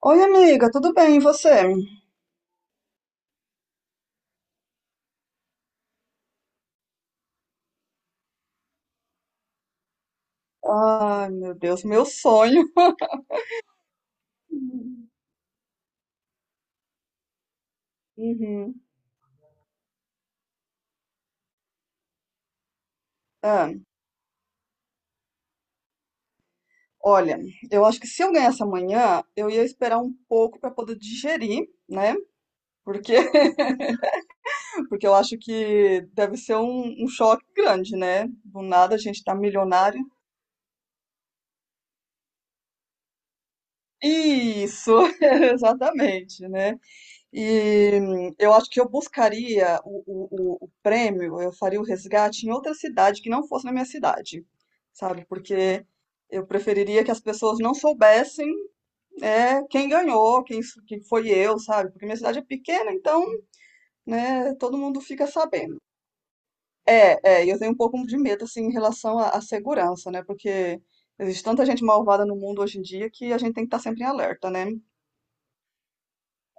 Oi, amiga, tudo bem? E você? Ai, meu Deus, meu sonho. Uhum. Ah, olha, eu acho que se eu ganhasse amanhã, eu ia esperar um pouco para poder digerir, né? Porque, porque eu acho que deve ser um choque grande, né? Do nada a gente tá milionário. Isso, exatamente, né? E eu acho que eu buscaria o prêmio, eu faria o resgate em outra cidade que não fosse na minha cidade, sabe? Porque eu preferiria que as pessoas não soubessem quem ganhou, quem, quem foi eu, sabe? Porque minha cidade é pequena, então, né, todo mundo fica sabendo. É, é, e eu tenho um pouco de medo, assim, em relação à segurança, né? Porque existe tanta gente malvada no mundo hoje em dia que a gente tem que estar sempre em alerta, né?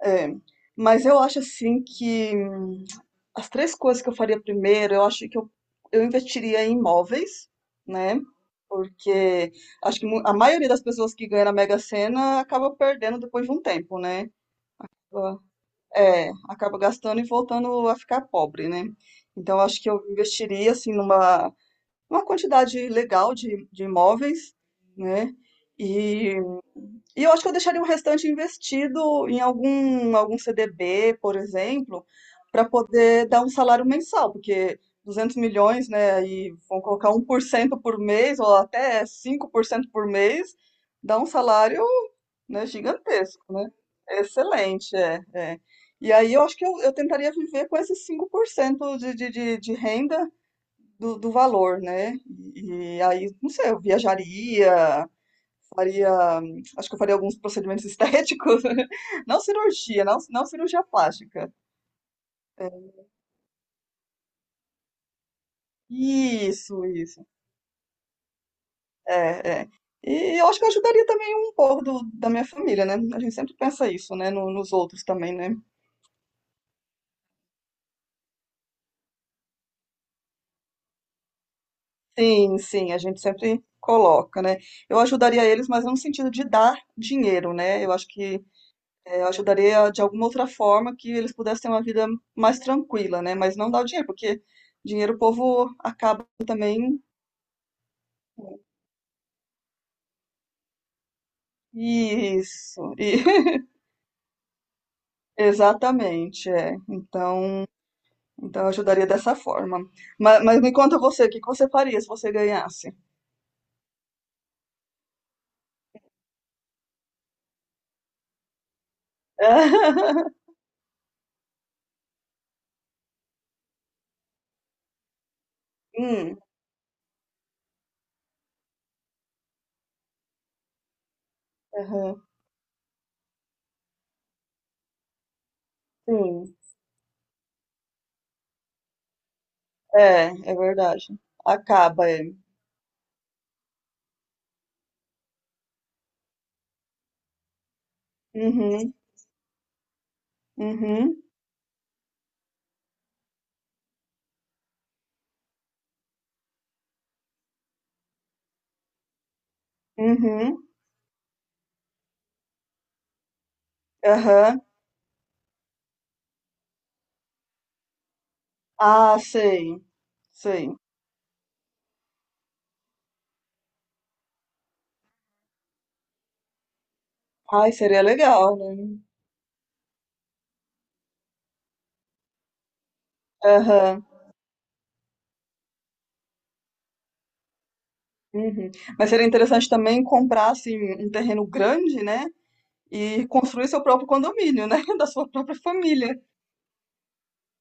É, mas eu acho, assim, que as três coisas que eu faria primeiro, eu acho que eu investiria em imóveis, né? Porque acho que a maioria das pessoas que ganha na Mega Sena acaba perdendo depois de um tempo, né? É, acaba gastando e voltando a ficar pobre, né? Então acho que eu investiria assim numa, uma quantidade legal de imóveis, né? E e eu acho que eu deixaria o restante investido em algum CDB, por exemplo, para poder dar um salário mensal, porque 200 milhões, né, aí vão colocar 1% por mês, ou até 5% por mês, dá um salário, né, gigantesco, né? Excelente, é, é. E aí eu acho que eu tentaria viver com esses 5% de renda do valor, né? E aí, não sei, eu viajaria, faria, acho que eu faria alguns procedimentos estéticos, não cirurgia, não cirurgia plástica. É, isso, isso. É, é. E eu acho que eu ajudaria também um pouco da minha família, né? A gente sempre pensa isso, né? Nos outros também, né? Sim, sim, a gente sempre coloca, né? Eu ajudaria eles, mas não no sentido de dar dinheiro, né? Eu acho que eu ajudaria de alguma outra forma que eles pudessem ter uma vida mais tranquila, né? Mas não dar o dinheiro, porque dinheiro o povo acaba também. Isso, exatamente, é. Então eu ajudaria dessa forma. Mas me conta você, o que que você faria se você ganhasse? Hum, aham, sim, é, é verdade. Acaba, é. Uhum, uhum, uhum, aham. Ah, sei, sei. Ai, seria legal, né? Aham, uhum. Mas seria interessante também comprar, assim, um terreno grande, né? E construir seu próprio condomínio, né? Da sua própria família.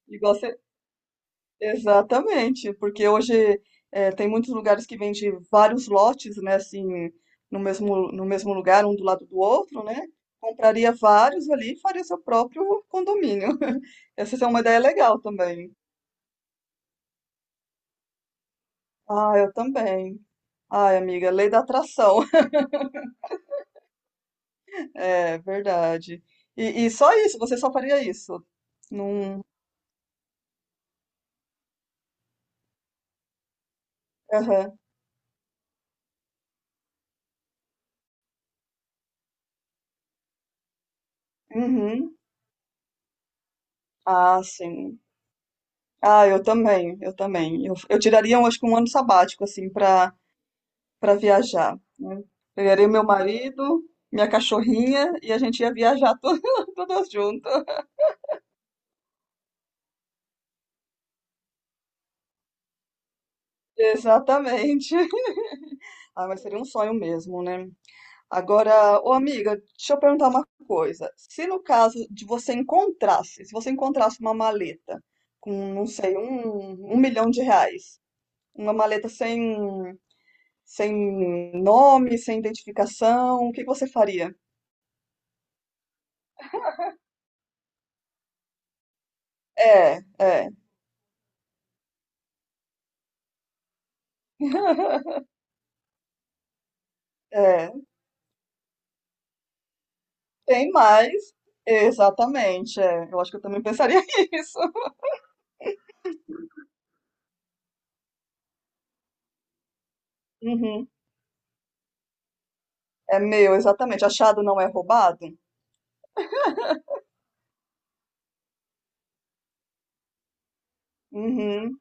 Igual você... Exatamente, porque hoje tem muitos lugares que vendem vários lotes, né, assim, no mesmo lugar, um do lado do outro, né? Compraria vários ali e faria seu próprio condomínio. Essa é uma ideia legal também. Ah, eu também. Ai, amiga, lei da atração. É verdade. E só isso, você só faria isso. Num... Aham. Uhum. Ah, sim. Ah, eu também, eu também. Eu tiraria, eu acho que um ano sabático, assim, pra para viajar, né? Pegaria meu marido, minha cachorrinha e a gente ia viajar todas juntas. Exatamente. Ah, mas seria um sonho mesmo, né? Agora, ô amiga, deixa eu perguntar uma coisa. Se você encontrasse uma maleta com, não sei, um milhão de reais, uma maleta sem nome, sem identificação, o que que você faria? É, é, é. Tem mais. Exatamente, é. Eu acho que eu também pensaria isso. Uhum. É meu, exatamente. Achado não é roubado? Uhum.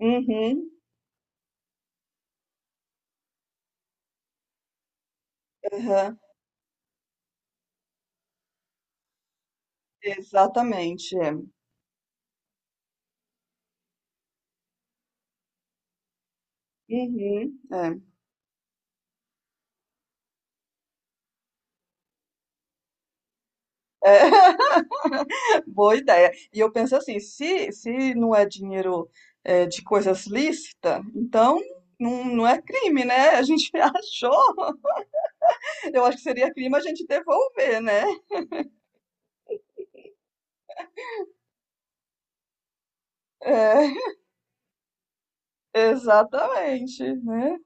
Uhum. Aham. Exatamente, é. Uhum. É. É. Boa ideia. E eu penso assim, se não é dinheiro de coisas lícitas, então não é crime, né? A gente achou. Eu acho que seria crime a gente devolver, né? É, exatamente, né?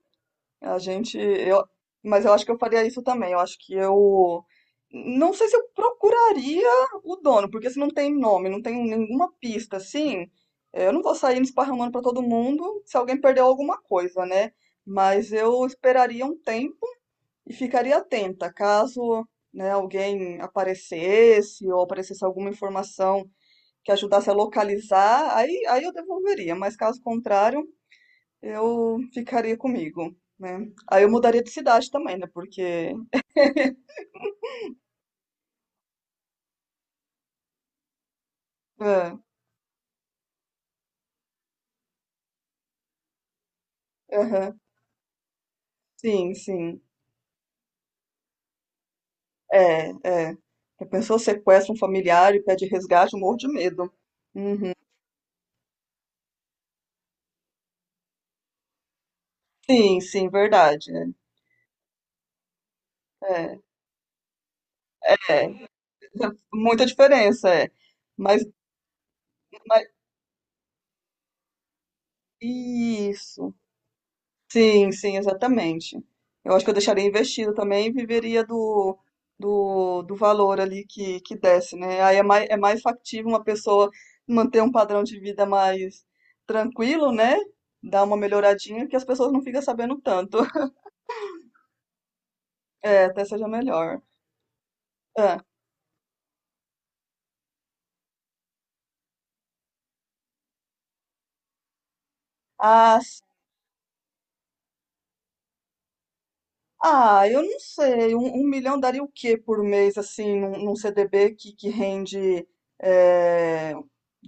A gente, eu, mas eu acho que eu faria isso também. Eu acho que eu não sei se eu procuraria o dono, porque se não tem nome, não tem nenhuma pista assim, eu não vou sair esparramando para todo mundo se alguém perdeu alguma coisa, né? Mas eu esperaria um tempo e ficaria atenta, caso, né, alguém aparecesse ou aparecesse alguma informação que ajudasse a localizar, aí eu devolveria, mas caso contrário, eu ficaria comigo, né? Aí eu mudaria de cidade também, né? Porque. É, aham, sim, sim. É, é. A pessoa sequestra um familiar e pede resgate, eu morro de medo. Uhum. Sim, sim, verdade. Né? É, é. Muita diferença, é. Mas, mas isso. Sim, sim, exatamente. Eu acho que eu deixaria investido também e viveria do, do valor ali que desce, né? Aí é mais factível uma pessoa manter um padrão de vida mais tranquilo, né? Dar uma melhoradinha que as pessoas não ficam sabendo tanto. É, até seja melhor. Ah, ah, Ah, eu não sei. Um milhão daria o quê por mês, assim, num CDB que rende, eh,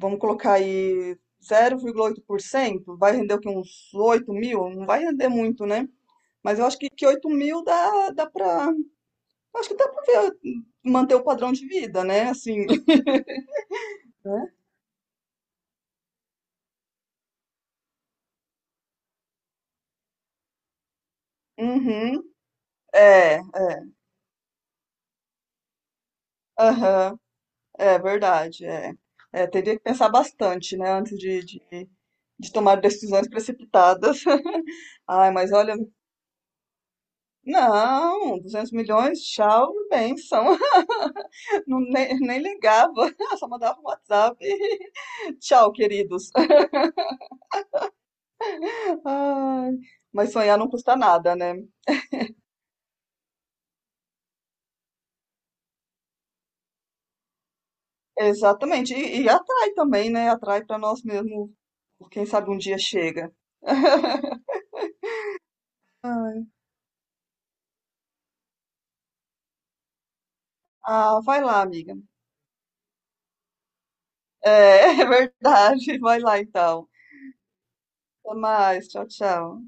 vamos colocar aí, 0,8%. Vai render o quê? Uns 8 mil? Não vai render muito, né? Mas eu acho que 8 mil dá, pra. Acho que dá pra ver, manter o padrão de vida, né? Assim, né? Uhum, é, aham, é verdade. É. É, teria que pensar bastante, né, antes de tomar decisões precipitadas. Ai, mas olha. Não, 200 milhões, tchau, bênção. Não, nem ligava, só mandava um WhatsApp. Tchau, queridos. Ai, mas sonhar não custa nada, né? Exatamente. E atrai também, né? Atrai para nós mesmos. Quem sabe um dia chega. Ah, vai lá, amiga. É, é verdade. Vai lá então. Até mais. Tchau, tchau.